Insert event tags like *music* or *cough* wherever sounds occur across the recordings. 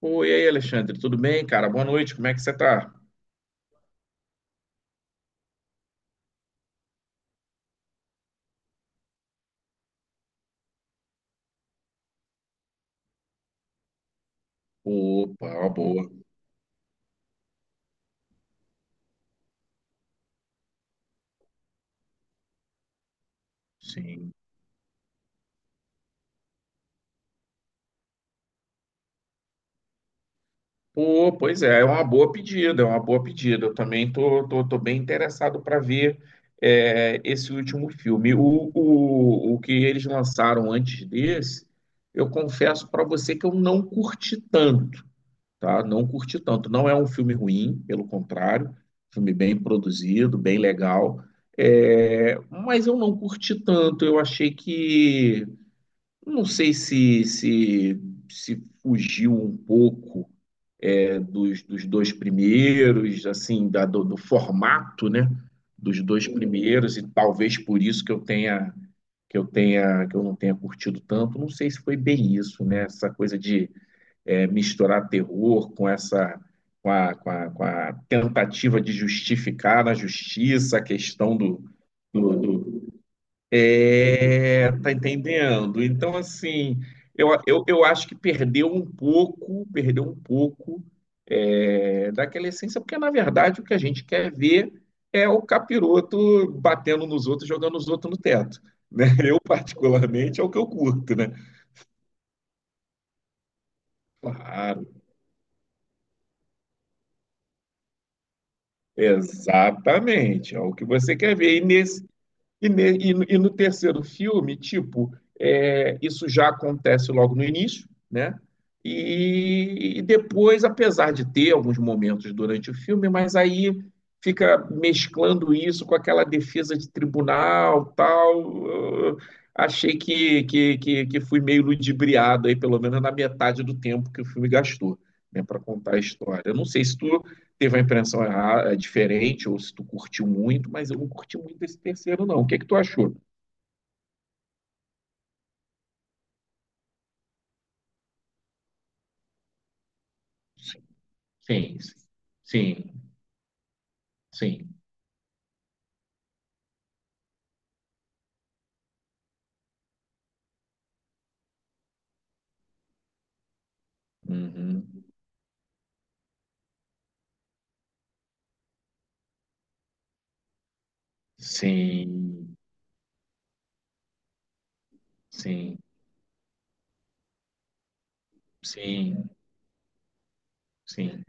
Oi, e aí, Alexandre, tudo bem, cara? Boa noite, como é que você tá? Opa, uma boa, sim. Pô, pois é, é uma boa pedida, é uma boa pedida. Eu também tô bem interessado para ver esse último filme. O que eles lançaram antes desse, eu confesso para você que eu não curti tanto, tá? Não curti tanto. Não é um filme ruim, pelo contrário, filme bem produzido, bem legal. É, mas eu não curti tanto, eu achei que. Não sei se fugiu um pouco dos dois primeiros, assim, do formato, né? Dos dois primeiros, e talvez por isso que eu tenha que eu tenha que eu não tenha curtido tanto. Não sei se foi bem isso, né? Essa coisa de misturar terror com essa com a tentativa de justificar na justiça a questão do, tá entendendo? Então, assim, eu acho que perdeu um pouco daquela essência, porque na verdade o que a gente quer ver é o capiroto batendo nos outros, jogando os outros no teto, *laughs* né? Eu, particularmente, é o que eu curto, né? Claro, exatamente, é o que você quer ver. E nesse. E no terceiro filme, tipo, isso já acontece logo no início, né? E depois, apesar de ter alguns momentos durante o filme, mas aí fica mesclando isso com aquela defesa de tribunal, tal. Eu achei que fui meio ludibriado aí, pelo menos na metade do tempo que o filme gastou, né, para contar a história. Eu não sei se tu teve a impressão errada, é diferente, ou se tu curtiu muito, mas eu não curti muito esse terceiro, não. O que é que tu achou? Sim, sim, sim. Uhum. Sim, sim, sim, sim,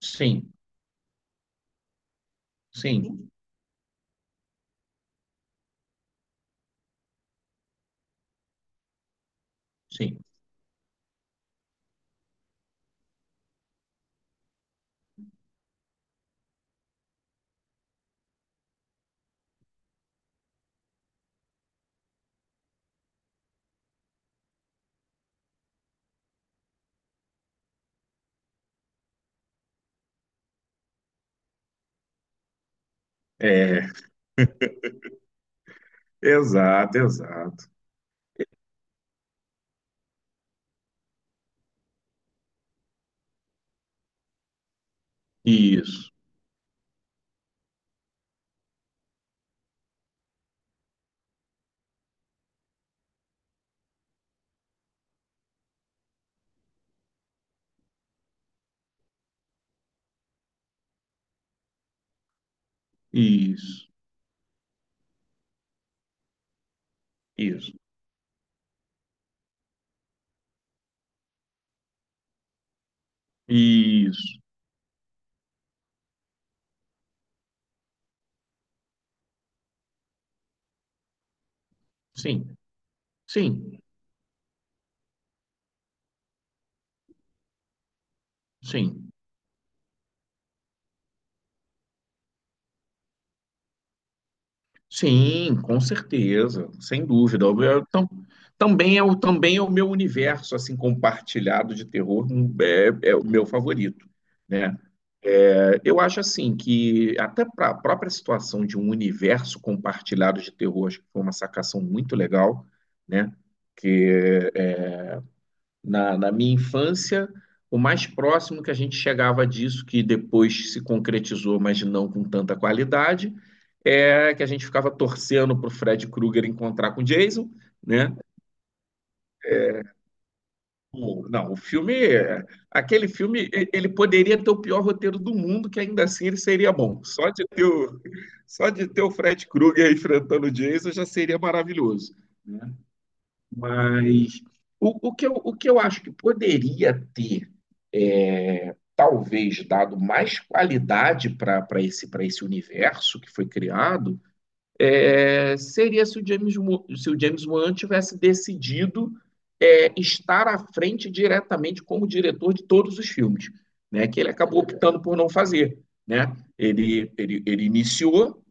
sim, sim, sim. É, exato, exato. Isso, isso, isso, isso. Sim, sim, sim. Sim, com certeza, sem dúvida. Eu- tam- também é o meu universo assim compartilhado de terror, é o meu favorito, né? É, eu acho assim que até para a própria situação de um universo compartilhado de terror, acho que foi uma sacação muito legal, né? Que é, na minha infância, o mais próximo que a gente chegava disso, que depois se concretizou, mas não com tanta qualidade, é que a gente ficava torcendo para o Fred Krueger encontrar com o Jason, né? É, Não, o filme, aquele filme, ele poderia ter o pior roteiro do mundo, que ainda assim ele seria bom. Só de ter o, *laughs* só de ter o Fred Krueger enfrentando o Jason já seria maravilhoso. Né? Mas o que eu acho que poderia ter, talvez, dado mais qualidade para esse universo que foi criado, seria se o James Wan tivesse decidido estar à frente diretamente como diretor de todos os filmes, né? Que ele acabou optando por não fazer, né? Ele iniciou,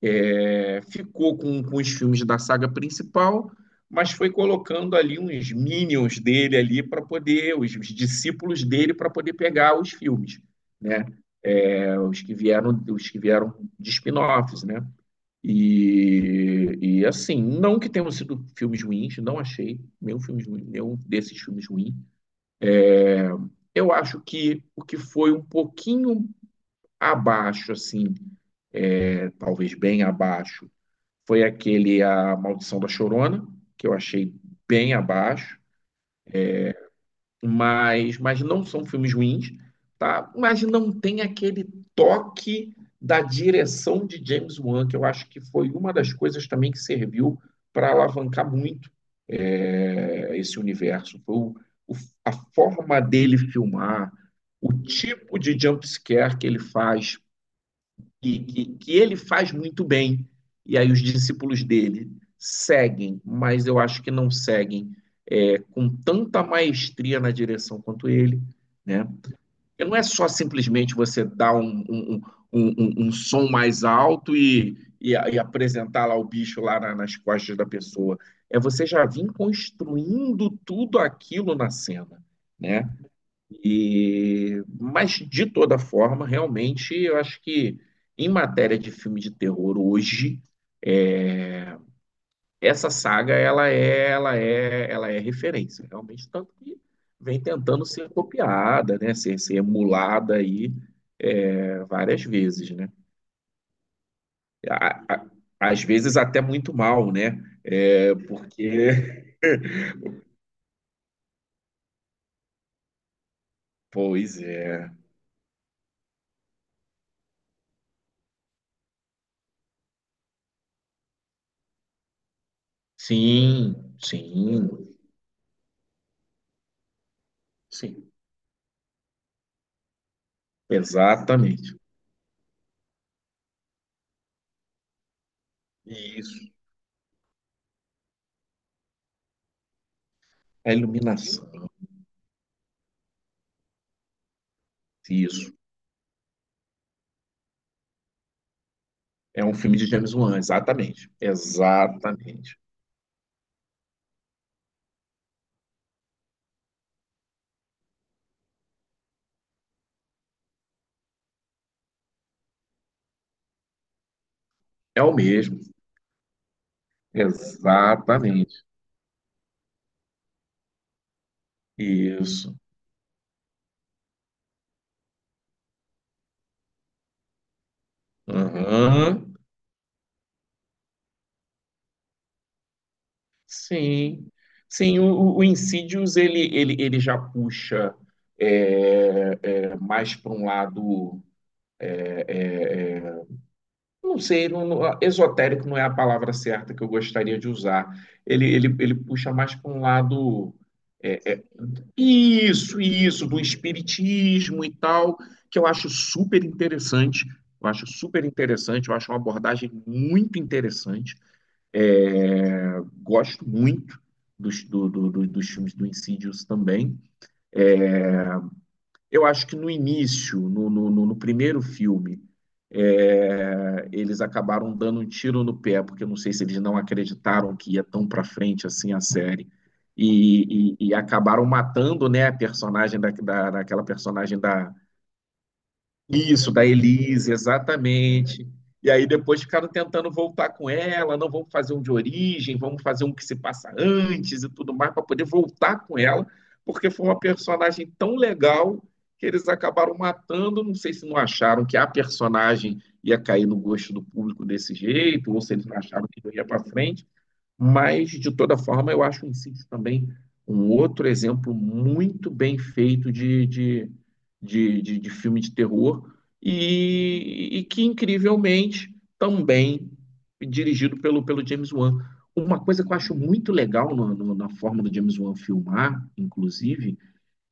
ficou com os filmes da saga principal, mas foi colocando ali uns minions dele ali para poder, os discípulos dele para poder pegar os filmes, né? É, os que vieram de spin-offs, né? E assim, não que tenham sido filmes ruins, não achei nenhum, filme, nenhum desses filmes ruim. É, eu acho que o que foi um pouquinho abaixo, assim, talvez bem abaixo, foi aquele A Maldição da Chorona, que eu achei bem abaixo, mas não são filmes ruins, tá? Mas não tem aquele toque da direção de James Wan, que eu acho que foi uma das coisas também que serviu para alavancar muito esse universo. Foi o- a forma dele filmar, o tipo de jump scare que ele faz que ele faz muito bem, e aí os discípulos dele seguem, mas eu acho que não seguem com tanta maestria na direção quanto ele. Né? Porque não é só simplesmente você dar um som mais alto e, apresentar lá o bicho lá nas costas da pessoa. É você já vir construindo tudo aquilo na cena. Né? Mas de toda forma, realmente, eu acho que em matéria de filme de terror hoje, é, essa saga ela é, ela é referência, realmente, tanto que vem tentando ser copiada, né, ser emulada aí várias vezes, né? A- a- às vezes até muito mal, né? É, porque, *laughs* pois é, sim, sim, sim, exatamente. Isso. A iluminação. Isso. É um filme de James Wan, exatamente. Exatamente. É o mesmo. Exatamente. Isso. Aham. Sim. Sim, o Insidious ele já puxa mais para um lado, não sei, esotérico não é a palavra certa que eu gostaria de usar. Ele puxa mais para um lado, é, isso, isso, do espiritismo e tal, que eu acho super interessante. Eu acho super interessante, eu acho uma abordagem muito interessante. É, gosto muito dos filmes do Insidious também. Eu acho que no início, primeiro filme, eles acabaram dando um tiro no pé, porque eu não sei se eles não acreditaram que ia tão para frente assim a série. E acabaram matando, né, a personagem daquela Isso, da Elise, exatamente. E aí depois ficaram tentando voltar com ela, não vamos fazer um de origem, vamos fazer um que se passa antes e tudo mais, para poder voltar com ela, porque foi uma personagem tão legal que eles acabaram matando. Não sei se não acharam que a personagem ia cair no gosto do público desse jeito, ou se eles não acharam que não ia para frente. Mas, de toda forma, eu acho o Incídios também um outro exemplo muito bem feito de filme de terror e que, incrivelmente, também dirigido pelo James Wan. Uma coisa que eu acho muito legal na forma do James Wan filmar, inclusive,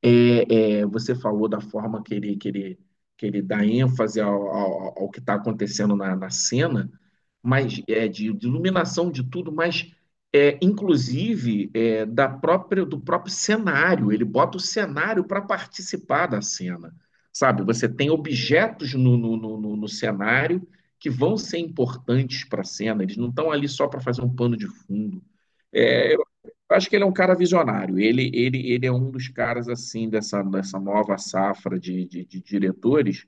você falou da forma que ele, que ele dá ênfase ao que está acontecendo na cena, mas é, de iluminação de tudo, mas inclusive é, da própria, do próprio cenário. Ele bota o cenário para participar da cena, sabe? Você tem objetos no cenário que vão ser importantes para a cena. Eles não estão ali só para fazer um pano de fundo. É, eu acho que ele é um cara visionário. Ele é um dos caras assim dessa, dessa nova safra de diretores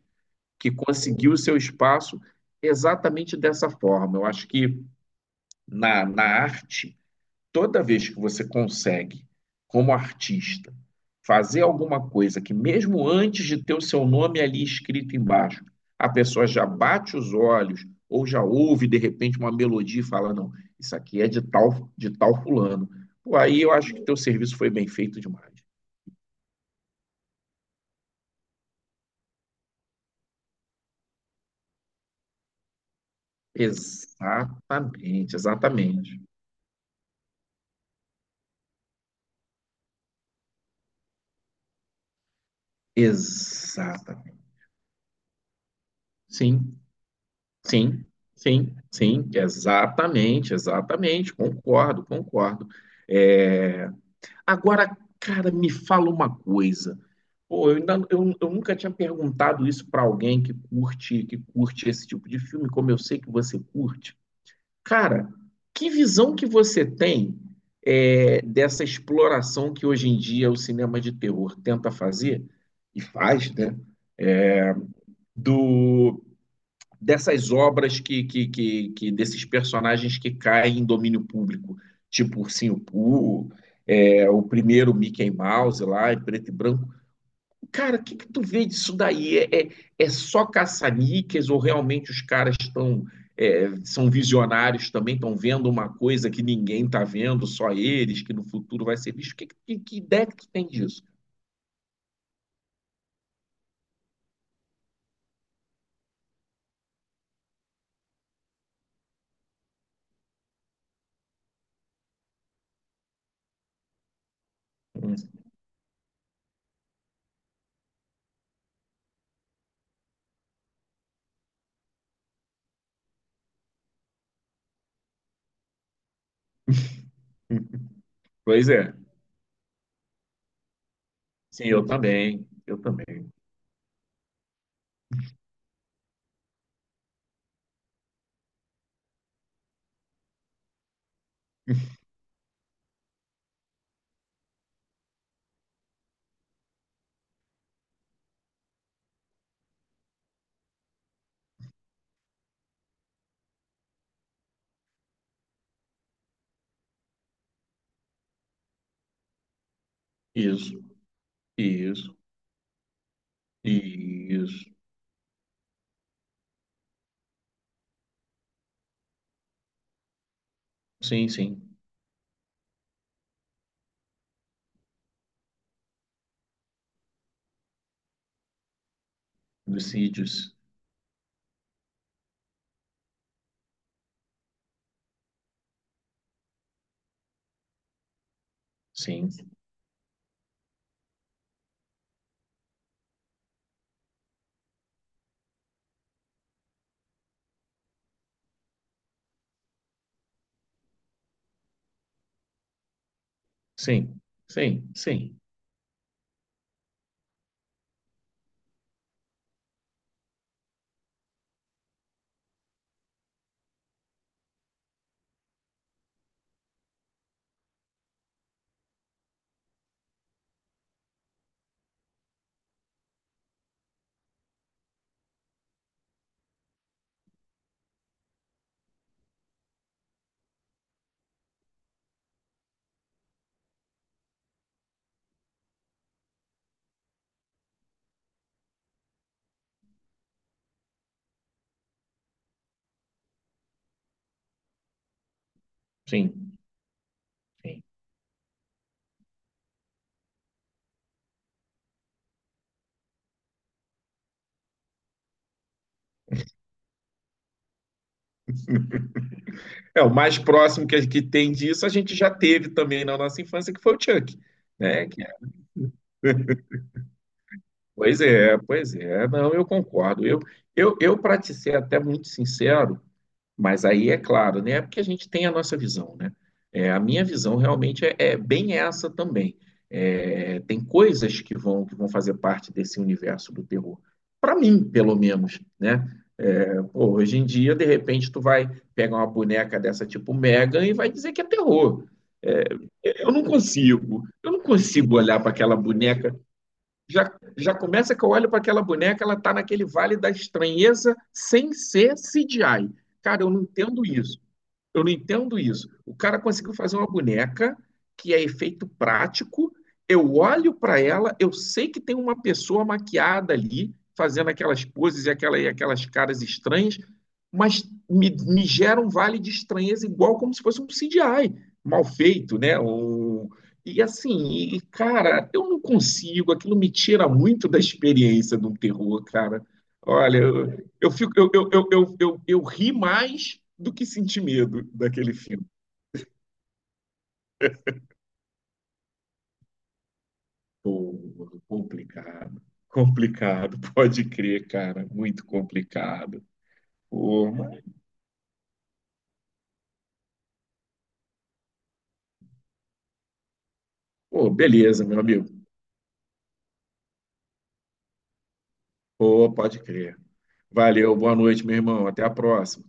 que conseguiu o seu espaço exatamente dessa forma. Eu acho que na arte, toda vez que você consegue, como artista, fazer alguma coisa que, mesmo antes de ter o seu nome ali escrito embaixo, a pessoa já bate os olhos ou já ouve de repente uma melodia e fala: não, isso aqui é de tal fulano. Pô, aí eu acho que teu serviço foi bem feito demais. Exatamente, exatamente. Exatamente. Sim, sim, sim, sim, exatamente, exatamente. Concordo, concordo. É, agora, cara, me fala uma coisa. Pô, eu nunca tinha perguntado isso pra alguém que curte esse tipo de filme, como eu sei que você curte. Cara, que visão que você tem dessa exploração que hoje em dia o cinema de terror tenta fazer e faz, né? Do, dessas obras desses personagens que caem em domínio público, tipo Ursinho Pooh, o primeiro Mickey Mouse lá em preto e branco. Cara, o que que tu vê disso daí? É só caça-níqueis ou realmente os caras estão são visionários também, estão vendo uma coisa que ninguém está vendo, só eles, que no futuro vai ser visto? Que ideia que tu tem disso? *laughs* Pois é. Sim, eu também. Eu também. Isso, isso, isso. Sim, sim. Lucídios. Sim, sim, sim, sim, sim, sim. É, o mais próximo que, que tem disso a gente já teve também na nossa infância, que foi o Chuck, né? Que é, pois é, pois é, não, eu concordo. Eu para te ser até muito sincero, mas aí é claro, né? Porque a gente tem a nossa visão, né? É, a minha visão realmente é bem essa também. É, tem coisas que vão fazer parte desse universo do terror. Para mim, pelo menos, né? É, pô, hoje em dia, de repente, tu vai pegar uma boneca dessa tipo Megan e vai dizer que é terror. É, eu não consigo olhar para aquela boneca. Já começa que eu olho para aquela boneca, ela está naquele vale da estranheza sem ser CGI. Cara, eu não entendo isso. Eu não entendo isso. O cara conseguiu fazer uma boneca que é efeito prático. Eu olho para ela, eu sei que tem uma pessoa maquiada ali, fazendo aquelas poses e, aquela, e aquelas caras estranhas, mas me gera um vale de estranheza igual como se fosse um CGI mal feito, né? Um, e assim, e, cara, eu não consigo, aquilo me tira muito da experiência de um terror, cara. Olha, eu, fico, eu ri mais do que senti medo daquele filme. Pô, complicado. Complicado, *laughs* pode crer, cara. Muito complicado. Pô, mas- Pô, beleza, meu amigo. Pô, pode crer. Valeu, boa noite, meu irmão. Até a próxima.